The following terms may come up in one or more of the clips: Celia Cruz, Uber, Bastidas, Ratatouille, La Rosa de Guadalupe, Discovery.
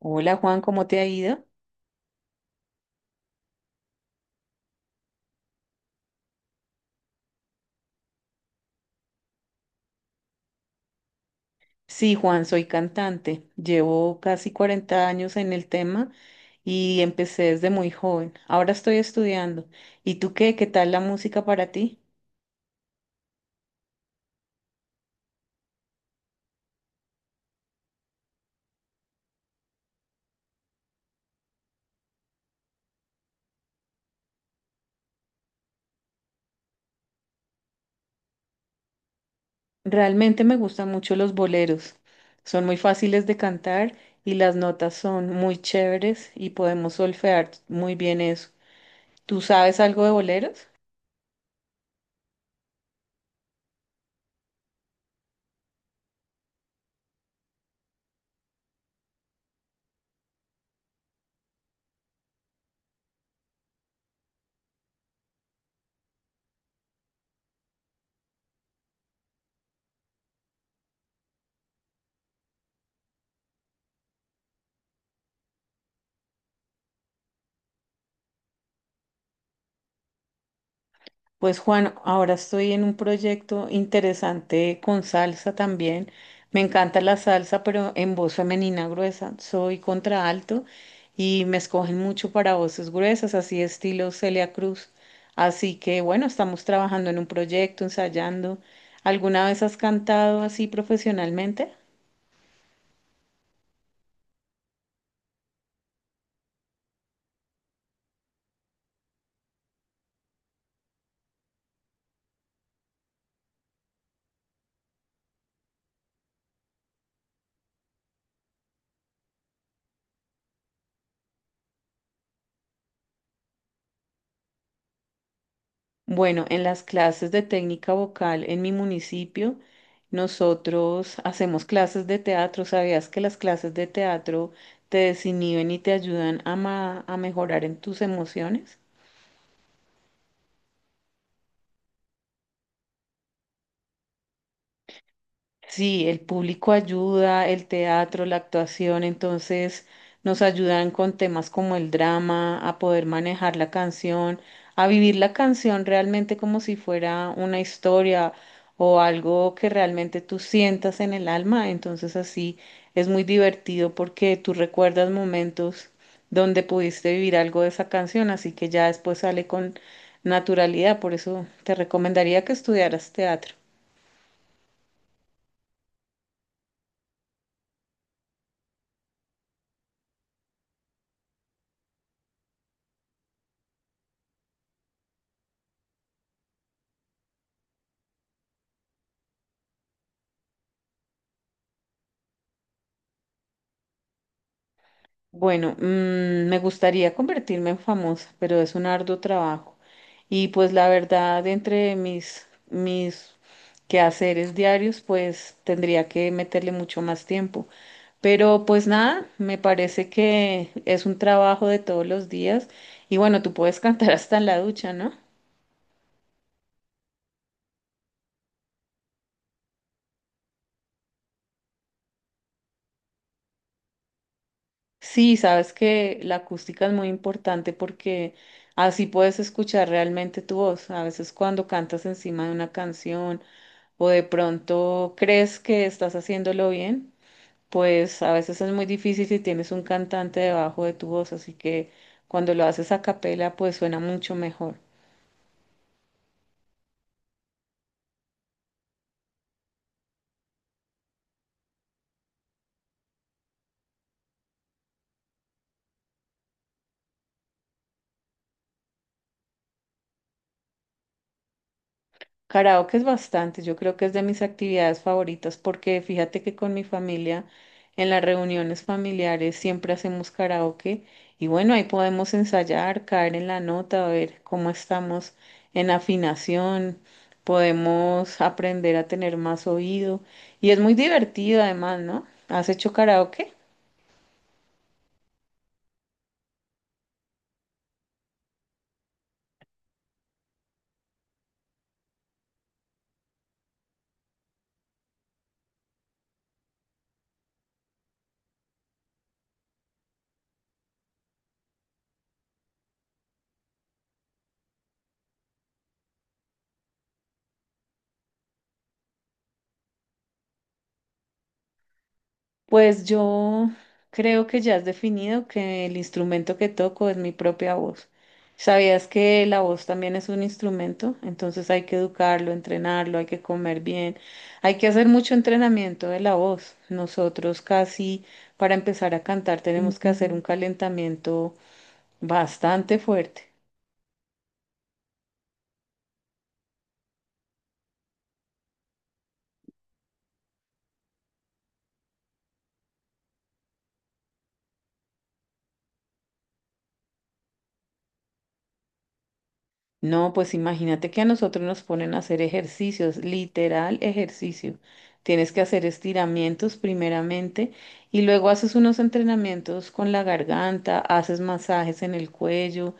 Hola Juan, ¿cómo te ha ido? Sí, Juan, soy cantante. Llevo casi 40 años en el tema y empecé desde muy joven. Ahora estoy estudiando. ¿Y tú qué? ¿Qué tal la música para ti? Realmente me gustan mucho los boleros. Son muy fáciles de cantar y las notas son muy chéveres y podemos solfear muy bien eso. ¿Tú sabes algo de boleros? Pues Juan, ahora estoy en un proyecto interesante con salsa también. Me encanta la salsa, pero en voz femenina gruesa. Soy contraalto y me escogen mucho para voces gruesas, así estilo Celia Cruz. Así que bueno, estamos trabajando en un proyecto, ensayando. ¿Alguna vez has cantado así profesionalmente? Bueno, en las clases de técnica vocal en mi municipio, nosotros hacemos clases de teatro. ¿Sabías que las clases de teatro te desinhiben y te ayudan a, a mejorar en tus emociones? Sí, el público ayuda, el teatro, la actuación, entonces nos ayudan con temas como el drama, a poder manejar la canción, a vivir la canción realmente como si fuera una historia o algo que realmente tú sientas en el alma. Entonces así es muy divertido porque tú recuerdas momentos donde pudiste vivir algo de esa canción, así que ya después sale con naturalidad. Por eso te recomendaría que estudiaras teatro. Bueno, mm, me gustaría convertirme en famosa, pero es un arduo trabajo. Y pues la verdad, entre mis quehaceres diarios, pues tendría que meterle mucho más tiempo. Pero pues nada, me parece que es un trabajo de todos los días. Y bueno, tú puedes cantar hasta en la ducha, ¿no? Sí, sabes que la acústica es muy importante porque así puedes escuchar realmente tu voz. A veces cuando cantas encima de una canción o de pronto crees que estás haciéndolo bien, pues a veces es muy difícil si tienes un cantante debajo de tu voz, así que cuando lo haces a capela, pues suena mucho mejor. Karaoke es bastante, yo creo que es de mis actividades favoritas porque fíjate que con mi familia en las reuniones familiares siempre hacemos karaoke y bueno, ahí podemos ensayar, caer en la nota, a ver cómo estamos en afinación, podemos aprender a tener más oído y es muy divertido además, ¿no? ¿Has hecho karaoke? Pues yo creo que ya has definido que el instrumento que toco es mi propia voz. ¿Sabías que la voz también es un instrumento? Entonces hay que educarlo, entrenarlo, hay que comer bien, hay que hacer mucho entrenamiento de la voz. Nosotros casi para empezar a cantar tenemos que hacer un calentamiento bastante fuerte. No, pues imagínate que a nosotros nos ponen a hacer ejercicios, literal ejercicio. Tienes que hacer estiramientos primeramente y luego haces unos entrenamientos con la garganta, haces masajes en el cuello,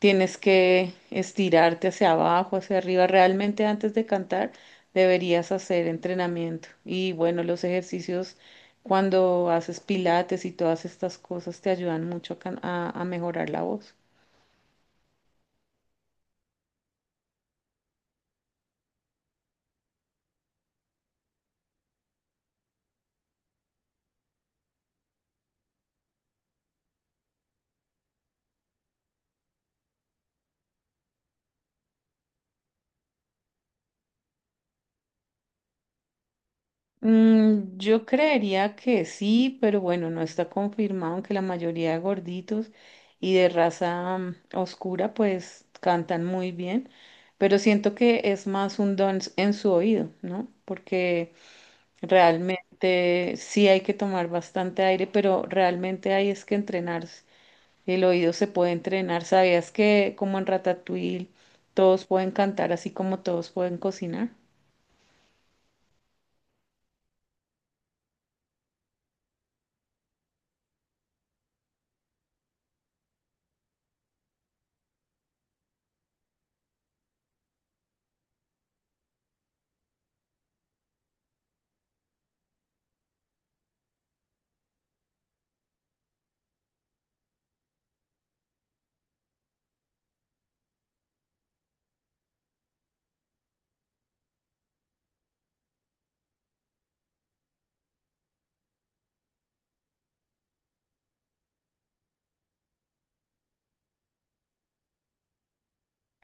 tienes que estirarte hacia abajo, hacia arriba. Realmente antes de cantar deberías hacer entrenamiento. Y bueno, los ejercicios cuando haces pilates y todas estas cosas te ayudan mucho a a mejorar la voz. Mm, yo creería que sí, pero bueno, no está confirmado, aunque la mayoría de gorditos y de raza oscura pues cantan muy bien, pero siento que es más un don en su oído, ¿no? Porque realmente sí hay que tomar bastante aire, pero realmente hay es que entrenarse. El oído se puede entrenar. ¿Sabías que como en Ratatouille todos pueden cantar así como todos pueden cocinar?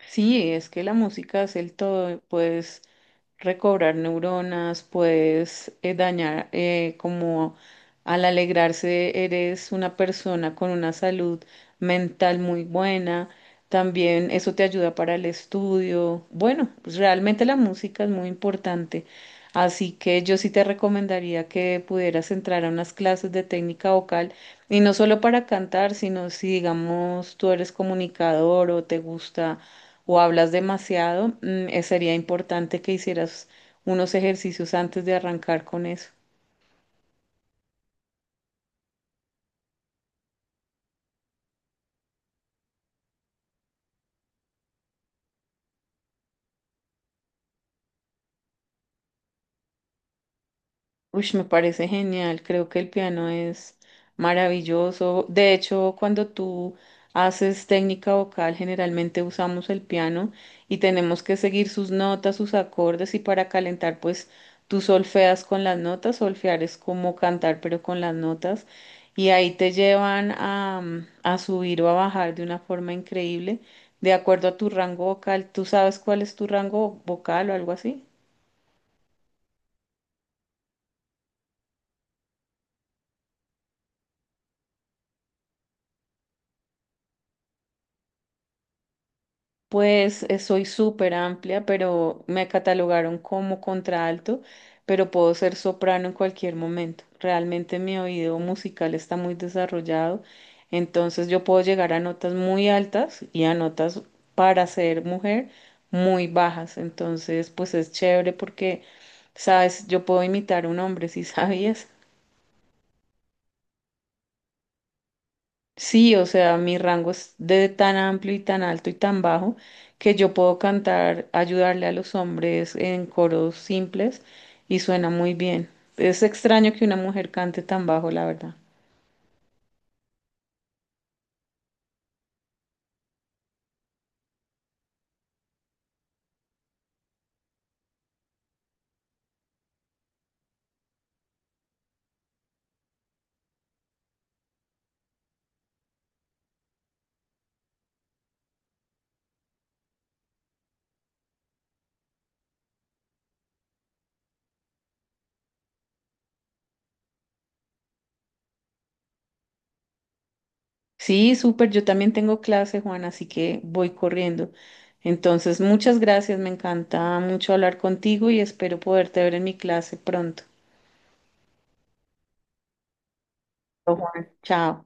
Sí, es que la música es el todo, puedes recobrar neuronas, puedes dañar, como al alegrarse eres una persona con una salud mental muy buena, también eso te ayuda para el estudio. Bueno, pues realmente la música es muy importante. Así que yo sí te recomendaría que pudieras entrar a unas clases de técnica vocal y no solo para cantar, sino si digamos tú eres comunicador o te gusta o hablas demasiado, sería importante que hicieras unos ejercicios antes de arrancar con eso. Uy, me parece genial, creo que el piano es maravilloso. De hecho, cuando tú haces técnica vocal, generalmente usamos el piano y tenemos que seguir sus notas, sus acordes y para calentar, pues tú solfeas con las notas, solfear es como cantar, pero con las notas y ahí te llevan a, a subir o a bajar de una forma increíble, de acuerdo a tu rango vocal. ¿Tú sabes cuál es tu rango vocal o algo así? Pues soy súper amplia, pero me catalogaron como contralto, pero puedo ser soprano en cualquier momento. Realmente mi oído musical está muy desarrollado, entonces yo puedo llegar a notas muy altas y a notas para ser mujer muy bajas. Entonces, pues es chévere porque, sabes, yo puedo imitar a un hombre, si sabías. Sí, o sea, mi rango es de tan amplio y tan alto y tan bajo que yo puedo cantar, ayudarle a los hombres en coros simples y suena muy bien. Es extraño que una mujer cante tan bajo, la verdad. Sí, súper, yo también tengo clase, Juan, así que voy corriendo. Entonces, muchas gracias, me encanta mucho hablar contigo y espero poderte ver en mi clase pronto. Chao, Juan, chao.